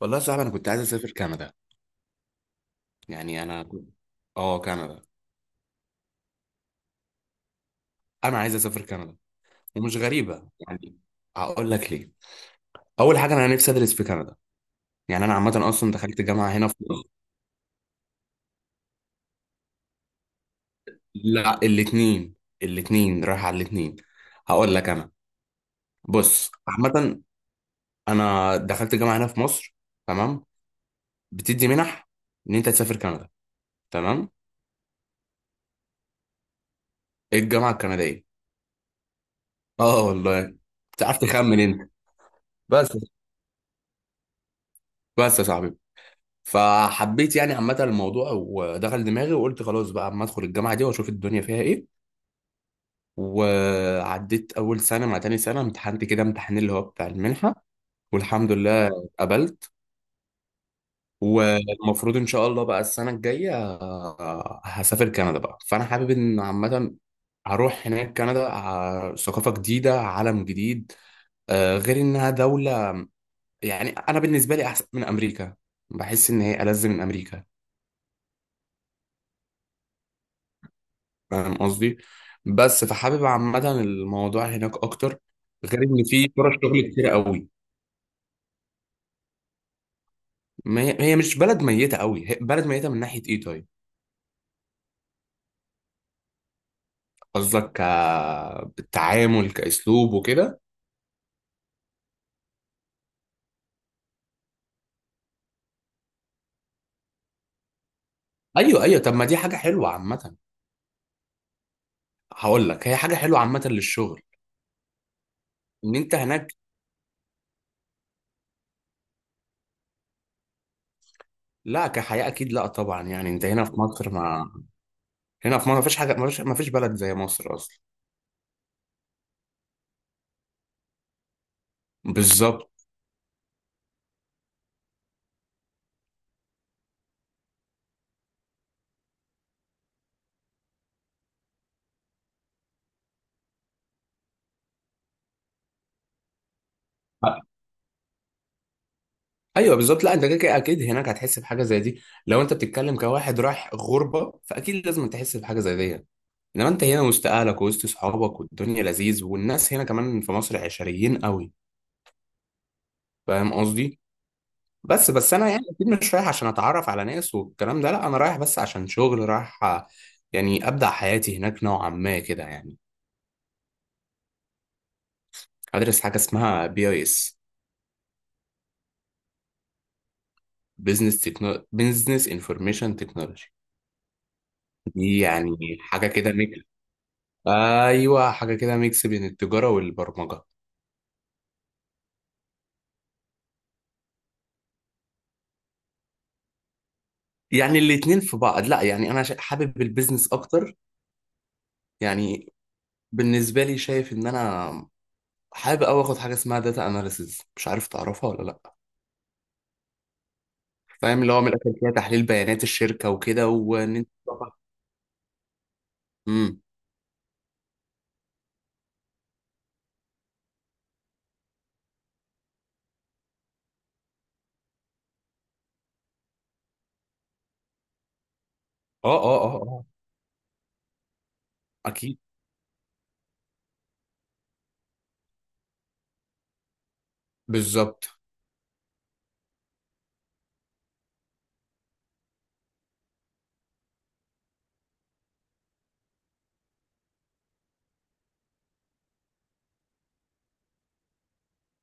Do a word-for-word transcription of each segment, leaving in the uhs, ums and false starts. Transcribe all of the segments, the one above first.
والله يا صاحبي، انا كنت عايز اسافر كندا. يعني انا كنت- اه، كندا. انا عايز اسافر كندا، ومش غريبه يعني. هقول لك ليه. اول حاجه، انا نفسي ادرس في كندا. يعني انا عامه اصلا دخلت جامعه هنا في مصر. لا، الاثنين. الاثنين رايح على الاثنين. هقول لك انا، بص عامه، انا دخلت جامعه هنا في مصر، تمام، بتدي منح ان انت تسافر كندا، تمام. إيه الجامعه الكنديه؟ اه والله. تعرف تخمن انت. بس بس يا صاحبي، فحبيت يعني عامة الموضوع، ودخل دماغي وقلت خلاص بقى اما ادخل الجامعة دي واشوف الدنيا فيها ايه. وعديت اول سنة مع تاني سنة، امتحنت كده امتحان اللي هو بتاع المنحة، والحمد لله اتقبلت. والمفروض ان شاء الله بقى السنة الجاية آه، هسافر كندا بقى. فانا حابب ان عامة هروح هناك كندا، ع- ثقافة جديدة، عالم جديد. آه، غير انها دولة، يعني انا بالنسبة لي احسن من امريكا. بحس ان هي ألذ من امريكا. فاهم قصدي. بس فحابب عامة الموضوع هناك أكتر، غير إن في فرص شغل كتير قوي. ما هي، هي مش بلد ميتة قوي. هي بلد ميتة من ناحية إيه طيب؟ قصدك كالتعامل كأسلوب وكده؟ أيوه، أيوه. طب ما دي حاجة حلوة عامة. هقول لك، هي حاجة حلوة عامة للشغل، إن أنت هناك. لا، كحياة أكيد لا طبعا. يعني أنت هنا في مصر، ما هنا في مصر ما فيش حاجة ما فيش ما فيش بلد زي مصر أصلا. بالظبط. ايوه بالظبط. لا انت كده كده اكيد هناك هتحس بحاجه زي دي، لو انت بتتكلم كواحد رايح غربه فاكيد لازم تحس بحاجه زي دي. انما انت هنا وسط اهلك وسط صحابك والدنيا لذيذ، والناس هنا كمان في مصر عشريين قوي. فاهم قصدي. بس بس انا يعني اكيد مش رايح عشان اتعرف على ناس والكلام ده، لا انا رايح بس عشان شغل رايح. آه، يعني ابدا حياتي هناك نوعا ما كده يعني. ادرس حاجه اسمها بي اي اس. بزنس تكنو بزنس انفورميشن تكنولوجي. دي يعني حاجه كده. ايوه، حاجه كده، ميكس بين التجاره والبرمجه. يعني الاتنين في بعض. لا يعني انا شا- حابب البيزنس اكتر، يعني بالنسبه لي شايف ان انا حابب اوي اخد حاجه اسمها داتا اناليسز، مش عارف تعرفها ولا لا. فاهم اللي هو من الاخر فيها تحليل بيانات الشركه وكده، وان انت. امم. اه، اه، اه، اه. اكيد. بالظبط.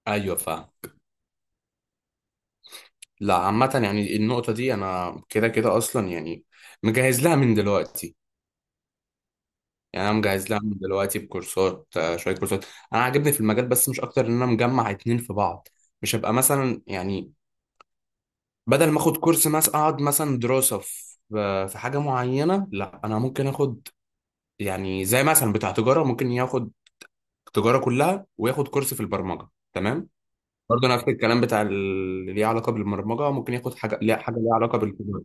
ايوه فاهم. لا عامه يعني النقطه دي انا كده كده اصلا يعني مجهز لها من دلوقتي. يعني انا مجهز لها من دلوقتي بكورسات، آه، شويه كورسات. انا عاجبني في المجال بس مش اكتر، ان انا مجمع اتنين في بعض. مش هبقى مثلا يعني بدل ما اخد كورس مثلا اقعد مثلا دراسه في في حاجه معينه، لا انا ممكن اخد يعني زي مثلا بتاع تجاره، ممكن ياخد تجاره كلها وياخد كورس في البرمجه، تمام. برضه نفس الكلام بتاع اللي ليه علاقه بالبرمجه، ممكن ياخد حاجه ليه حاجه ليها علاقه بالتجاره.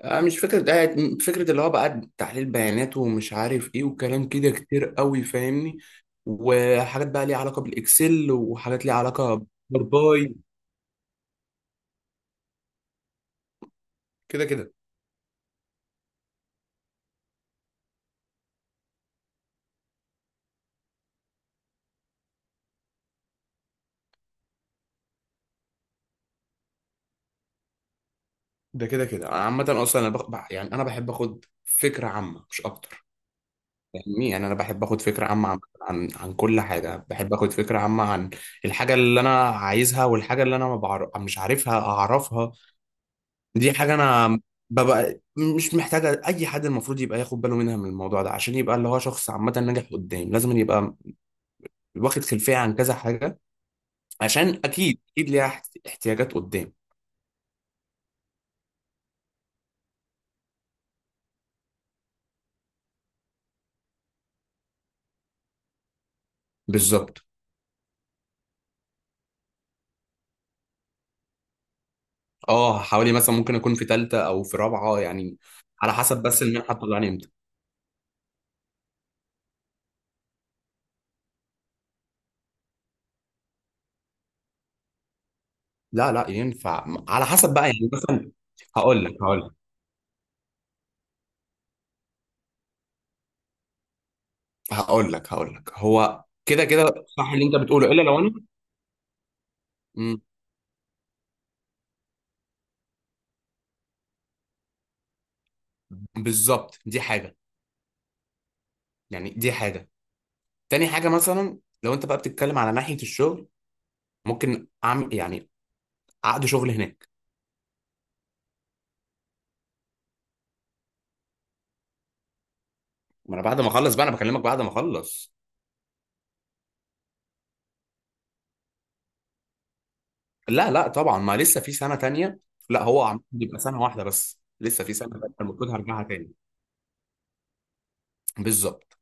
آه، مش فكرة ده. فكرة اللي هو بقى تحليل بيانات ومش عارف ايه، وكلام كده كتير قوي، فاهمني. وحاجات بقى ليها علاقة بالاكسل، وحاجات ليها علاقة بالباي. كده كده. ده كده كده انا عامة اصلا انا بخ... بع- يعني انا بحب اخد فكرة عامة مش اكتر. فاهمني. يعني انا بحب اخد فكرة عامة عن عن عن كل حاجة، بحب اخد فكرة عامة عن الحاجة اللي انا عايزها، والحاجة اللي انا ما بعرف مش عارفها اعرفها. دي حاجة أنا ببقى مش محتاجة أي حد. المفروض يبقى ياخد باله منها، من الموضوع ده، عشان يبقى اللي هو شخص عامة ناجح قدام، لازم يبقى واخد خلفية عن كذا حاجة، عشان أكيد أكيد ليها احت- احتياجات قدام. بالظبط. أه، حوالي مثلا ممكن أكون في تالتة أو في رابعة يعني، على حسب بس المنحة بتطلعني إمتى. لا لا، ينفع على حسب بقى يعني مثلا. هقول لك هقول لك هقول لك هقول لك هو كده كده. صح اللي أنت بتقوله، إلا لو أنا. مم، بالظبط. دي حاجة، يعني دي حاجة. تاني حاجة مثلا لو انت بقى بتتكلم على ناحية الشغل، ممكن اعمل يعني عقد شغل هناك. ما انا بعد ما اخلص بقى، انا بكلمك بعد ما اخلص. لا لا طبعا، ما لسه في سنة تانية. لا، هو عم بيبقى سنة واحدة بس لسه في سنة تانية المفروض هرجعها تاني. بالظبط.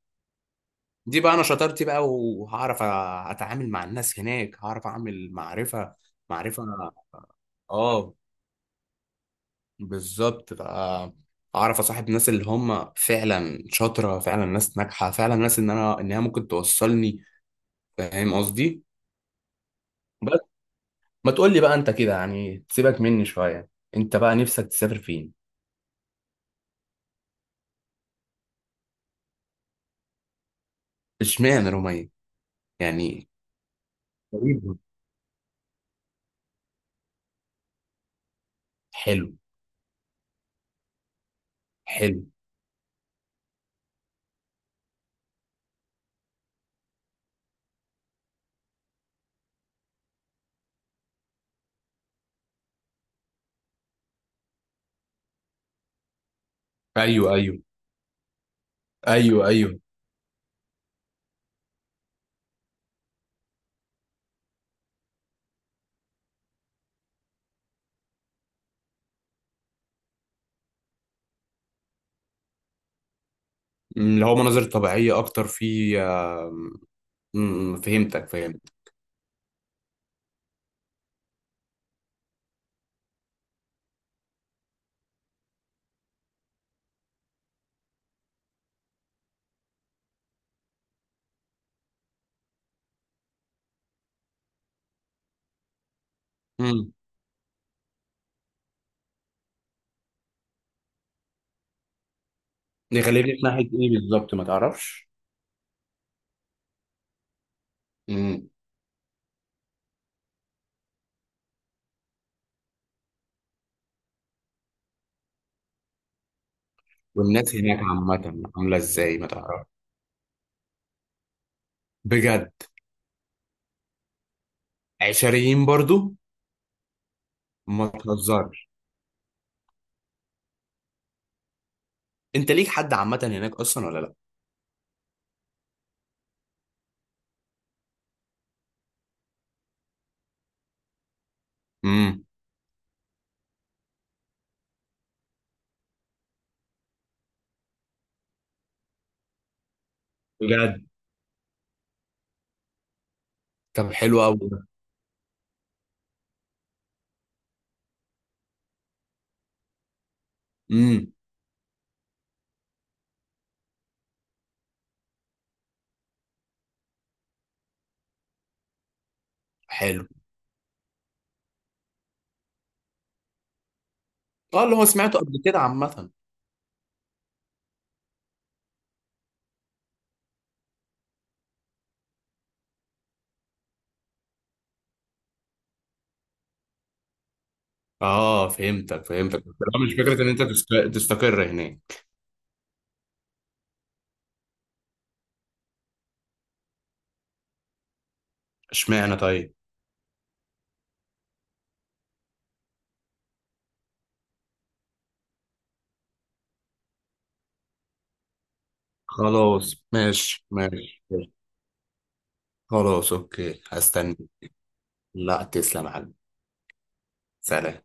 دي بقى انا شطارتي بقى، وهعرف اتعامل مع الناس هناك، هعرف اعمل معرفة معرفة اه. بالظبط بقى. اعرف اصاحب ناس اللي هم فعلا شاطره، فعلا ناس ناجحه، فعلا ناس ان انا ان هي ممكن توصلني. فاهم قصدي. بس. ما تقول لي بقى انت كده يعني، تسيبك مني شويه. انت بقى نفسك تسافر فين؟ اشمعنى رومية يعني؟ غريبة. حلو. حلو. ايوه، ايوه. ايوه، ايوه. أمم، اللي هو مناظر طبيعيه اكتر في. أمم، فهمتك، فهمت. امم. يخليني في ناحيه ايه بالظبط، ما تعرفش. امم. والناس هناك عامه عامله ازاي، ما تعرفش؟ بجد. عشريين برضو. ما تهزرش. انت ليك حد عامه هناك اصلا ولا لا؟ امم. بجد. طب حلو قوي. امم. حلو. اه، اللي هو سمعته قبل كده عامة. اه، فهمتك، فهمتك، بس لا، مش فكرة ان انت تست- تستقر هناك. اشمعنى طيب؟ خلاص ماشي، ماشي، ماشي. خلاص اوكي، هستنى. لا تسلم يا حبيبي. سلام.